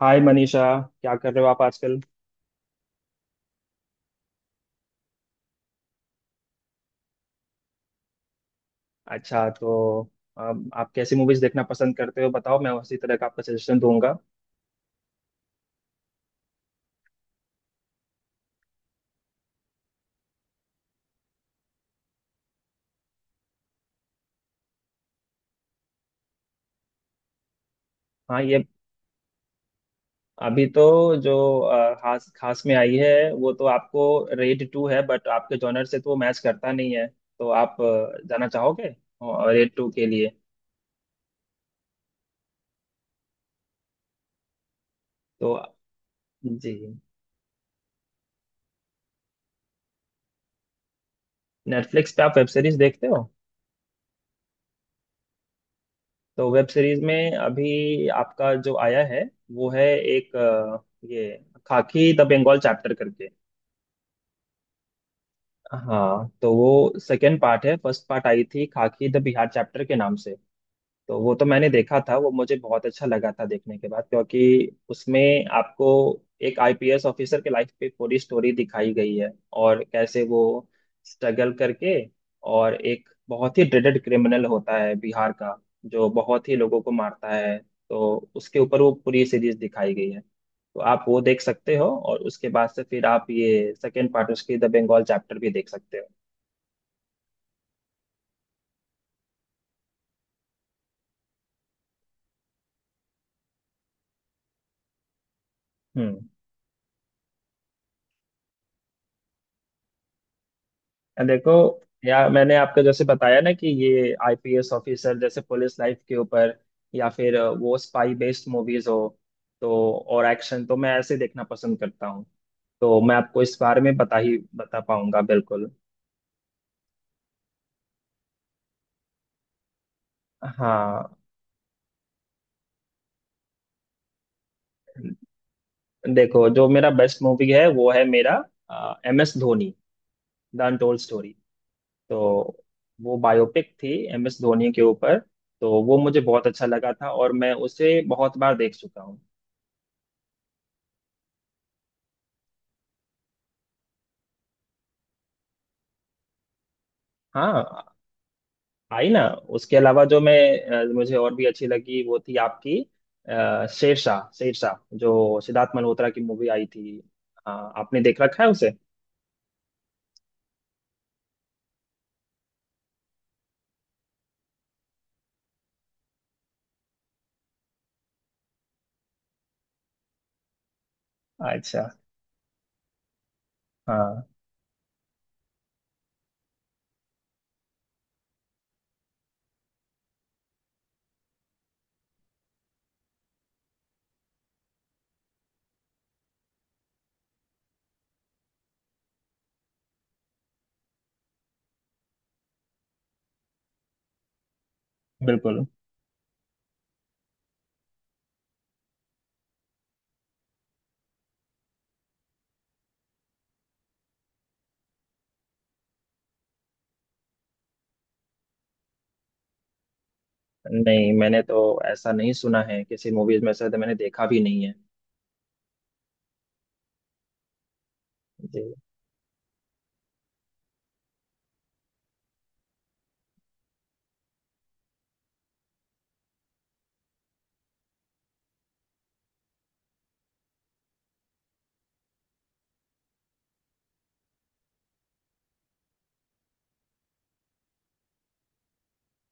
हाय मनीषा। क्या कर रहे हो आप आजकल। अच्छा तो आप कैसी मूवीज देखना पसंद करते हो बताओ, मैं उसी तरह का आपका सजेशन दूंगा। हाँ ये अभी तो जो खास खास में आई है वो तो आपको रेड टू है, बट आपके जॉनर से तो वो मैच करता नहीं है, तो आप जाना चाहोगे रेड टू के लिए। तो जी नेटफ्लिक्स पे आप वेब सीरीज देखते हो। तो वेब सीरीज में अभी आपका जो आया है वो है एक ये खाकी द बंगाल चैप्टर करके। हाँ तो वो सेकेंड पार्ट है, फर्स्ट पार्ट आई थी खाकी द बिहार चैप्टर के नाम से। तो वो तो मैंने देखा था, वो मुझे बहुत अच्छा लगा था देखने के बाद, क्योंकि उसमें आपको एक आईपीएस ऑफिसर के लाइफ पे पूरी स्टोरी दिखाई गई है। और कैसे वो स्ट्रगल करके, और एक बहुत ही ड्रेडेड क्रिमिनल होता है बिहार का, जो बहुत ही लोगों को मारता है। तो उसके ऊपर वो पूरी सीरीज दिखाई गई है। तो आप वो देख सकते हो, और उसके बाद से फिर आप ये सेकेंड पार्ट उसकी द बंगाल चैप्टर भी देख सकते हो। देखो, या मैंने आपको जैसे बताया ना, कि ये आईपीएस ऑफिसर जैसे पुलिस लाइफ के ऊपर, या फिर वो स्पाई बेस्ड मूवीज हो, तो और एक्शन तो मैं ऐसे देखना पसंद करता हूँ। तो मैं आपको इस बारे में बता ही बता पाऊंगा बिल्कुल। हाँ देखो, जो मेरा बेस्ट मूवी है वो है मेरा M S Dhoni the untold story. तो वो बायोपिक थी एम एस धोनी के ऊपर। तो वो मुझे बहुत अच्छा लगा था, और मैं उसे बहुत बार देख चुका हूँ। हाँ आई ना। उसके अलावा जो मुझे और भी अच्छी लगी वो थी आपकी शेरशाह। शेरशाह जो सिद्धार्थ मल्होत्रा की मूवी आई थी। हाँ आपने देख रखा है उसे। अच्छा। हाँ बिल्कुल। नहीं, मैंने तो ऐसा नहीं सुना है किसी मूवीज में से, तो मैंने देखा भी नहीं है। जी।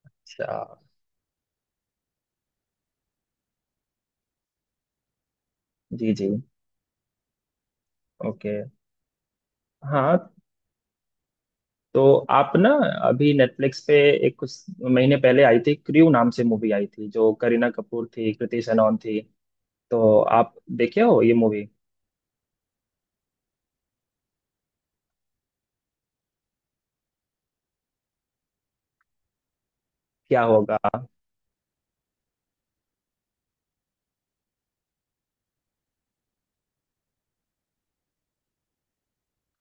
अच्छा। जी जी। ओके। हाँ तो आप ना अभी नेटफ्लिक्स पे एक कुछ महीने पहले आई थी क्रू नाम से, मूवी आई थी जो करीना कपूर थी, कृति सेनन थी। तो आप देखे हो ये मूवी। क्या होगा।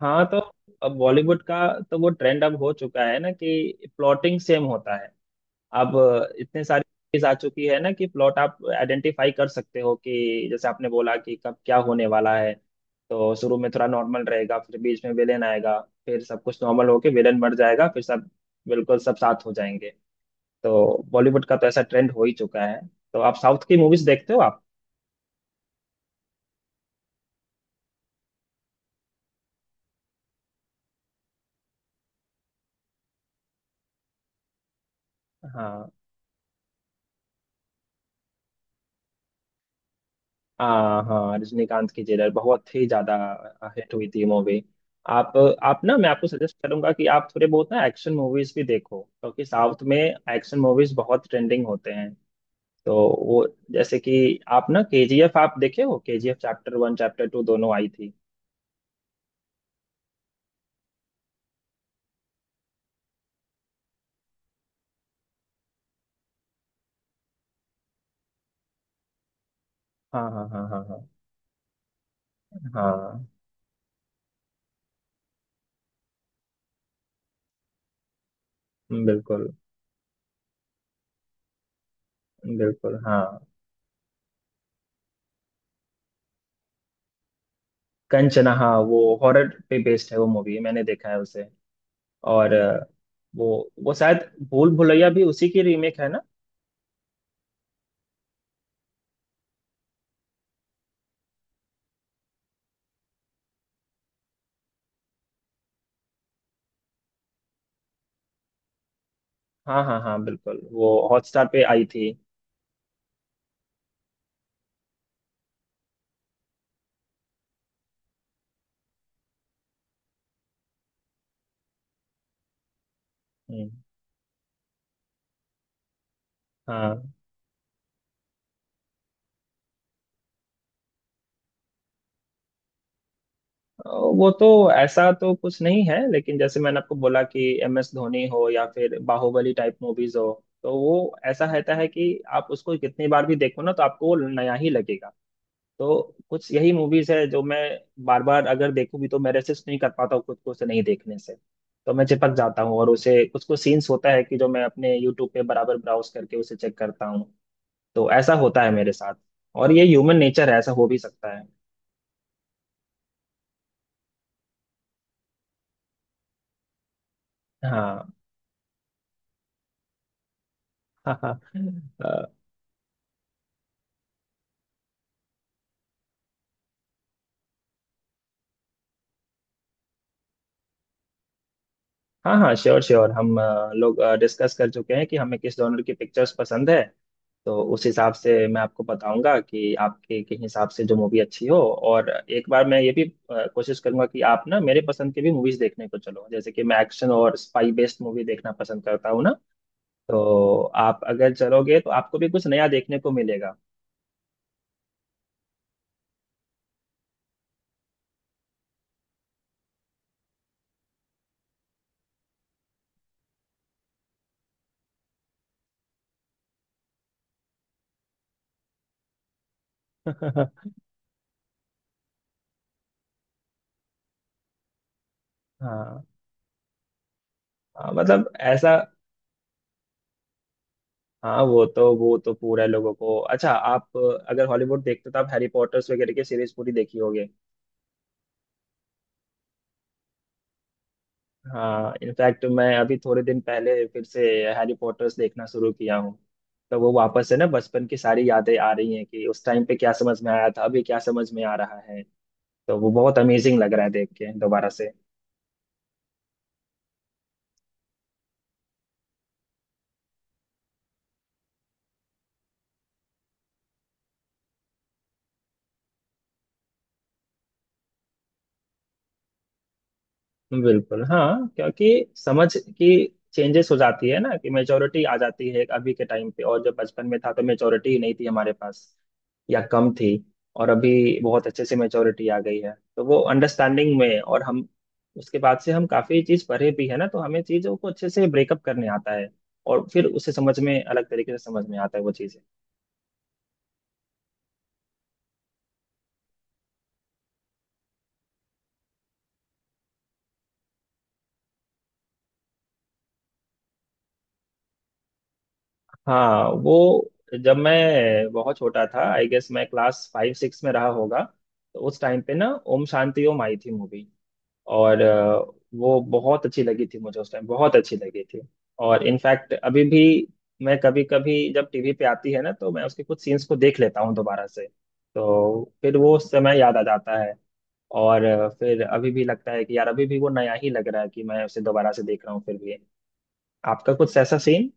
हाँ तो अब बॉलीवुड का तो वो ट्रेंड अब हो चुका है ना कि प्लॉटिंग सेम होता है। अब इतने सारी चीज आ चुकी है ना कि प्लॉट आप आइडेंटिफाई कर सकते हो, कि जैसे आपने बोला कि कब क्या होने वाला है। तो शुरू में थोड़ा नॉर्मल रहेगा, फिर बीच में विलेन आएगा, फिर सब कुछ नॉर्मल होके विलेन मर जाएगा, फिर सब बिल्कुल सब साथ हो जाएंगे। तो बॉलीवुड का तो ऐसा ट्रेंड हो ही चुका है। तो आप साउथ की मूवीज देखते हो आप। हाँ हाँ, हाँ रजनीकांत की जेलर बहुत ही ज्यादा हिट हुई थी मूवी। आप आप ना मैं आपको सजेस्ट करूंगा कि आप थोड़े बहुत ना एक्शन मूवीज भी देखो, क्योंकि साउथ में एक्शन मूवीज बहुत ट्रेंडिंग होते हैं। तो वो जैसे कि आप ना केजीएफ, आप देखे हो KGF chapter one chapter two दोनों आई थी। हाँ हाँ हाँ हाँ हाँ। हाँ बिल्कुल। बिल्कुल हाँ। कंचना हाँ, वो हॉरर पे बेस्ड है, वो मूवी मैंने देखा है उसे। और वो वो शायद भूल भुलैया भी उसी की रीमेक है ना। हाँ हाँ हाँ बिल्कुल, वो हॉटस्टार पे आई थी। हम्म। हाँ वो तो ऐसा तो कुछ नहीं है, लेकिन जैसे मैंने आपको बोला कि एम एस धोनी हो या फिर बाहुबली टाइप मूवीज हो, तो वो ऐसा रहता है कि आप उसको कितनी बार भी देखो ना तो आपको वो नया ही लगेगा। तो कुछ यही मूवीज है जो मैं बार बार अगर देखूं भी तो मैं रेसिस्ट नहीं कर पाता हूँ खुद को उसे नहीं देखने से। तो मैं चिपक जाता हूँ, और उसे कुछ कुछ सीन्स होता है कि जो मैं अपने यूट्यूब पे बराबर ब्राउज करके उसे चेक करता हूँ। तो ऐसा होता है मेरे साथ। और ये ह्यूमन नेचर है, ऐसा हो भी सकता है। हाँ हाँ हाँ। अ, हाँ हाँ श्योर श्योर। लोग डिस्कस कर चुके हैं कि हमें किस जॉनर की पिक्चर्स पसंद है। तो उस हिसाब से मैं आपको बताऊंगा कि आपके के हिसाब से जो मूवी अच्छी हो। और एक बार मैं ये भी कोशिश करूंगा कि आप ना मेरे पसंद की भी मूवीज देखने को चलो, जैसे कि मैं एक्शन और स्पाई बेस्ड मूवी देखना पसंद करता हूँ ना। तो आप अगर चलोगे तो आपको भी कुछ नया देखने को मिलेगा। हाँ हाँ, मतलब ऐसा। हाँ वो तो पूरा है लोगों को अच्छा। आप अगर हॉलीवुड देखते हो तो आप हैरी पॉटर्स वगैरह की सीरीज पूरी देखी होगी। हाँ इनफैक्ट मैं अभी थोड़े दिन पहले फिर से हैरी पॉटर्स देखना शुरू किया हूँ। तो वो वापस है ना बचपन की सारी यादें आ रही हैं कि उस टाइम पे क्या समझ में आया था, अभी क्या समझ में आ रहा है। तो वो बहुत अमेजिंग लग रहा है देख के दोबारा से। बिल्कुल हाँ, क्योंकि समझ की चेंजेस हो जाती है ना, कि मेजोरिटी आ जाती है अभी के टाइम पे, और जब बचपन में था तो मेजोरिटी ही नहीं थी हमारे पास, या कम थी। और अभी बहुत अच्छे से मैच्योरिटी आ गई है। तो वो अंडरस्टैंडिंग में, और हम उसके बाद से हम काफी चीज पढ़े भी है ना, तो हमें चीजों को अच्छे से ब्रेकअप करने आता है। और फिर उसे समझ में अलग तरीके से समझ में आता है वो चीजें। हाँ वो जब मैं बहुत छोटा था, आई गेस मैं क्लास फाइव सिक्स में रहा होगा। तो उस टाइम पे ना ओम शांति ओम आई थी मूवी। और वो बहुत अच्छी लगी थी मुझे, उस टाइम बहुत अच्छी लगी थी। और इनफैक्ट अभी भी मैं कभी कभी जब टीवी पे आती है ना तो मैं उसके कुछ सीन्स को देख लेता हूँ दोबारा से। तो फिर वो उस समय याद आ जाता है। और फिर अभी भी लगता है कि यार अभी भी वो नया ही लग रहा है कि मैं उसे दोबारा से देख रहा हूँ फिर भी। आपका कुछ ऐसा सीन।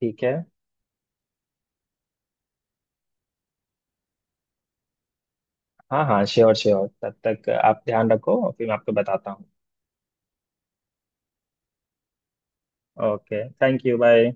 ठीक है। हाँ हाँ श्योर श्योर, तब तक आप ध्यान रखो और फिर मैं आपको बताता हूँ। Okay thank you bye.